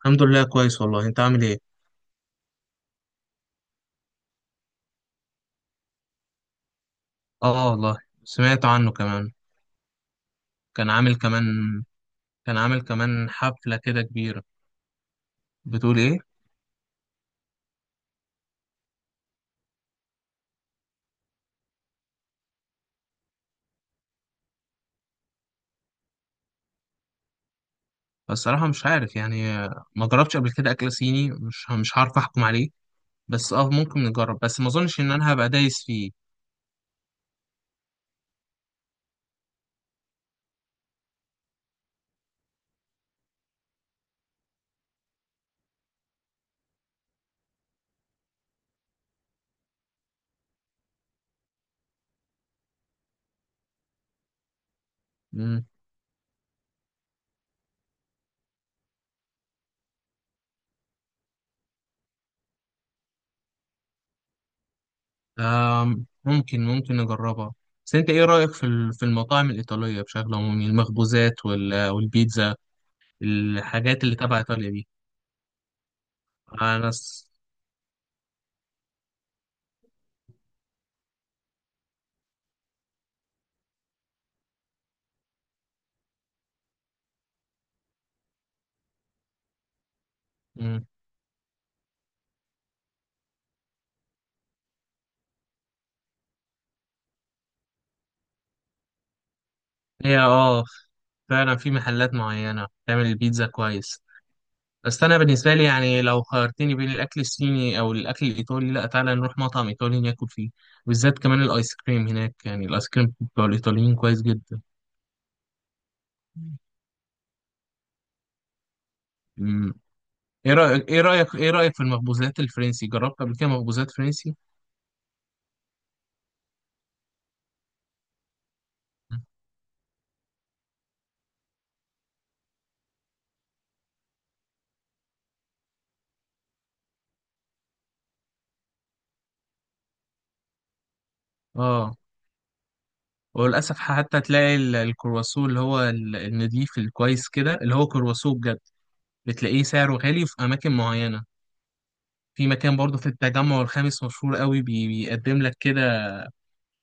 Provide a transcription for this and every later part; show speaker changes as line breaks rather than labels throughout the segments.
الحمد لله كويس والله. انت عامل ايه؟ اه والله. سمعت عنه كمان. كان عامل كمان كان عامل كمان حفلة كده كبيرة. بتقول ايه؟ الصراحة مش عارف يعني، ما جربتش قبل كده اكل صيني. مش هعرف احكم عليه. بس ممكن نجرب، بس ما اظنش ان انا هبقى دايس فيه. مم. ممكن نجربها. بس انت ايه رأيك في في المطاعم الإيطالية بشكل عمومي؟ المخبوزات والبيتزا، الحاجات اللي تبع إيطاليا دي. انا س- مم. هي فعلا في محلات معينة بتعمل البيتزا كويس. بس أنا بالنسبة لي يعني لو خيرتني بين الأكل الصيني أو الأكل الإيطالي، لأ، تعالى نروح مطعم إيطالي ناكل فيه. بالذات كمان الآيس كريم هناك، يعني الآيس كريم بتاع الإيطاليين كويس جدا. مم. إيه رأيك في المخبوزات الفرنسي؟ جربت قبل كده مخبوزات فرنسي؟ آه. وللأسف حتى تلاقي الكرواسون اللي هو النضيف الكويس كده، اللي هو كرواسون بجد، بتلاقيه سعره غالي في أماكن معينة. في مكان برضه في التجمع الخامس مشهور قوي، بيقدم لك كده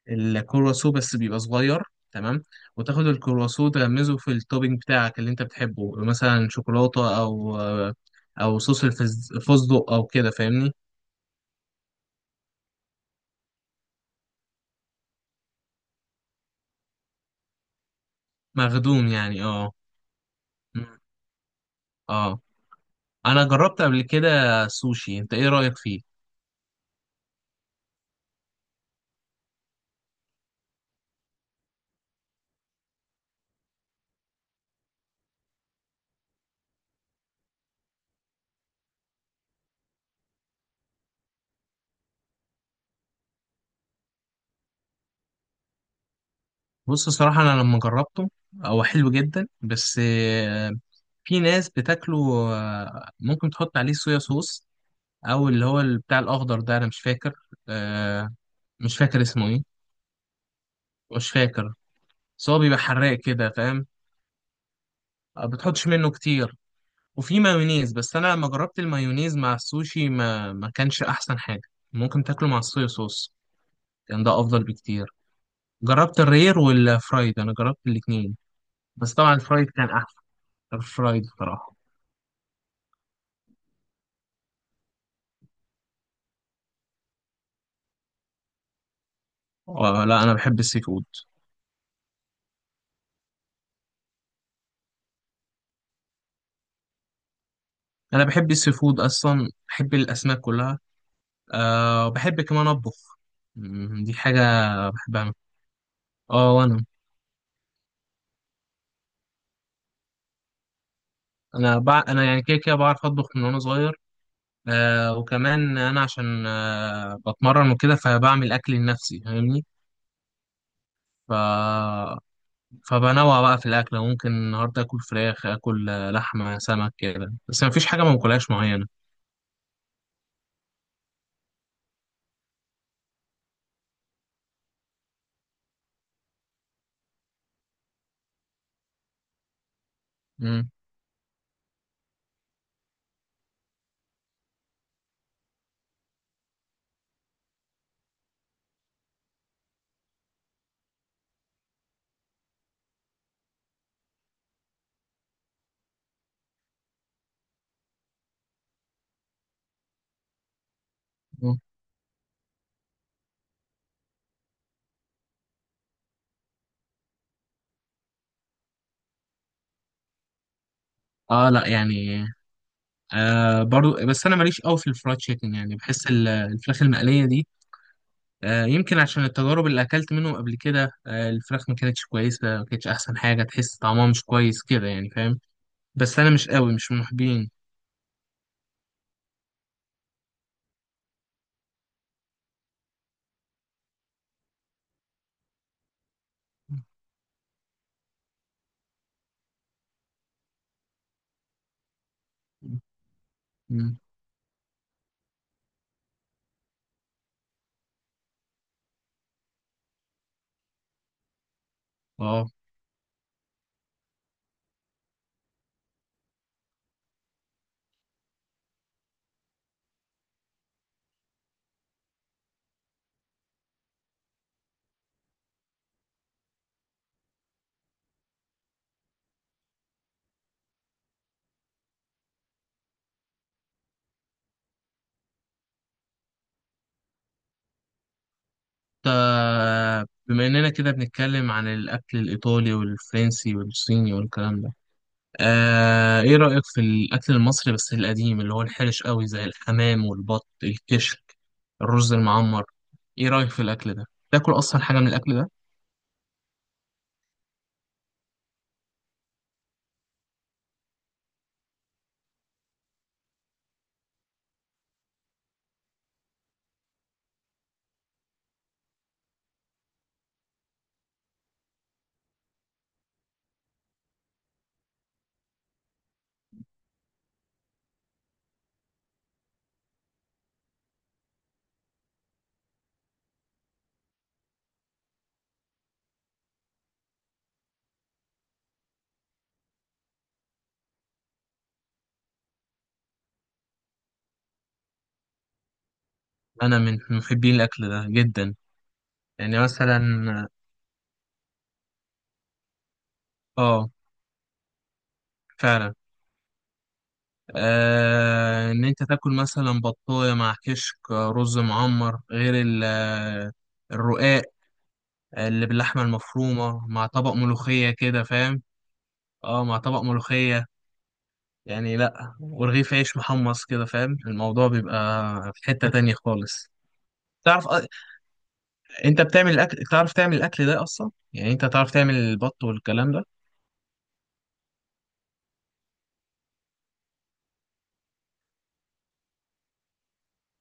الكرواسو، بس بيبقى صغير. تمام. وتاخد الكرواسو تغمزه في التوبينج بتاعك اللي انت بتحبه، مثلا شوكولاتة او او صوص الفستق او كده، فاهمني؟ مخدوم يعني، اه. مم. اه، انا جربت قبل كده سوشي. انت ايه رأيك فيه؟ بص صراحة انا لما جربته، هو حلو جدا، بس في ناس بتاكله، ممكن تحط عليه صويا صوص، او اللي هو بتاع الاخضر ده. انا مش فاكر. آه. مش فاكر اسمه ايه. مش فاكر. بس هو بيبقى حراق كده، فاهم؟ ما بتحطش منه كتير. وفي مايونيز، بس انا لما جربت المايونيز مع السوشي ما كانش احسن حاجه. ممكن تاكله مع الصويا صوص، كان ده افضل بكتير. جربت الرير والفرايد، انا جربت الاتنين. بس طبعا الفرايد كان احسن. الفرايد بصراحه. آه لا، انا بحب السي فود. انا بحب السي فود اصلا، بحب الاسماك كلها. أه، بحب كمان اطبخ، دي حاجه بحبها. اه وانا. انا يعني كده كده بعرف اطبخ من وانا صغير. آه، وكمان انا عشان بتمرن وكده، فبعمل اكل لنفسي، فاهمني؟ ف... فبنوع بقى في الاكل، ممكن النهارده اكل فراخ، اكل لحمه، سمك كده، بس ما فيش حاجه ما باكلهاش معينه. مم. مم. اه لا يعني. برضو، بس انا ماليش قوي في الفرايد تشيكن، يعني بحس الفراخ المقليه دي، يمكن عشان التجارب اللي اكلت منهم قبل كده، الفراخ ما كانتش كويسه، ما كانتش احسن حاجه، تحس طعمها مش كويس كده يعني، فاهم؟ بس انا مش قوي، مش من محبين. مم. اه، بما اننا كده بنتكلم عن الاكل الايطالي والفرنسي والصيني والكلام ده، ايه رايك في الاكل المصري بس القديم، اللي هو الحرش قوي، زي الحمام والبط، الكشك، الرز المعمر؟ ايه رايك في الاكل ده؟ تاكل اصلا حاجه من الاكل ده؟ انا من محبين الاكل ده جدا. يعني مثلا، اه فعلا. ان انت تاكل مثلا بطايه مع كشك، رز معمر، غير الرقاق اللي باللحمه المفرومه، مع طبق ملوخيه كده، فاهم؟ اه، مع طبق ملوخيه يعني، لا ورغيف عيش محمص كده، فاهم؟ الموضوع بيبقى في حته تانية خالص. تعرف أ- انت بتعمل الاكل؟ تعرف تعمل الاكل ده اصلا؟ يعني انت تعرف تعمل البط والكلام ده؟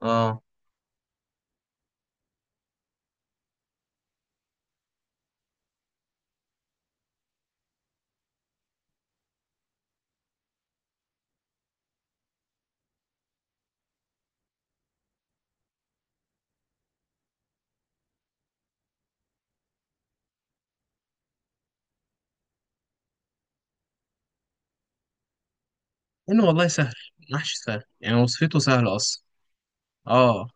اه، انه والله سهل، محشي سهل يعني، وصفته سهله اصلا. اه.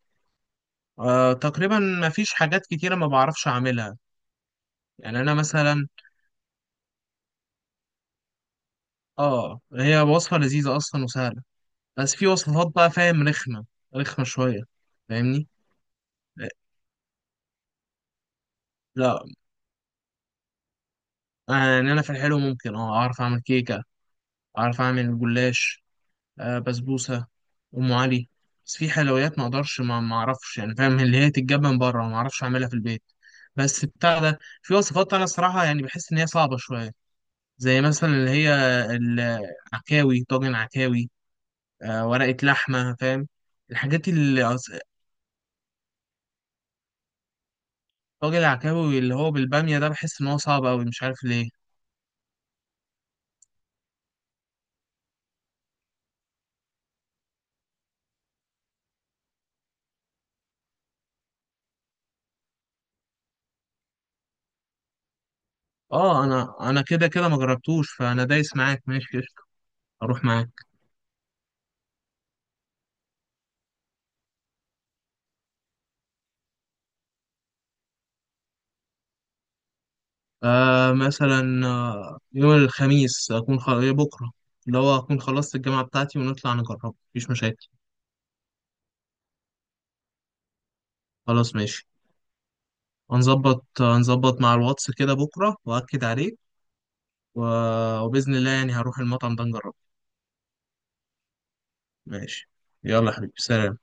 تقريبا ما فيش حاجات كتيرة ما بعرفش أعملها. يعني أنا مثلا، هي وصفة لذيذة أصلا وسهلة. بس في وصفات بقى، فاهم، رخمة، رخمة شوية، فاهمني؟ لا. يعني أنا في الحلو، ممكن أعرف أعمل كيكة، أعرف أعمل جلاش، بسبوسة، أم علي. بس في حلويات ما أقدرش، ما أعرفش يعني، فاهم؟ اللي هي تتجاب من بره، ما أعرفش أعملها في البيت. بس بتاع ده في وصفات، أنا الصراحة يعني بحس إن هي صعبة شوية. زي مثلا اللي هي العكاوي، طاجن عكاوي، ورقة لحمة، فاهم؟ الحاجات اللي أص- طاجن العكاوي اللي هو بالبامية ده، بحس إن هو صعب أوي، مش عارف ليه. اه، انا كده كده ما جربتوش، فانا دايس معاك، ماشي، قشطة، اروح معاك. مثلا يوم الخميس اكون بكره، اللي هو اكون خلصت الجامعه بتاعتي، ونطلع نجربه مفيش مشاكل. خلاص ماشي. هنظبط مع الواتس كده بكره، واكد عليك. و... وباذن الله يعني هروح المطعم ده نجربه. ماشي. يلا يا حبيبي، سلام.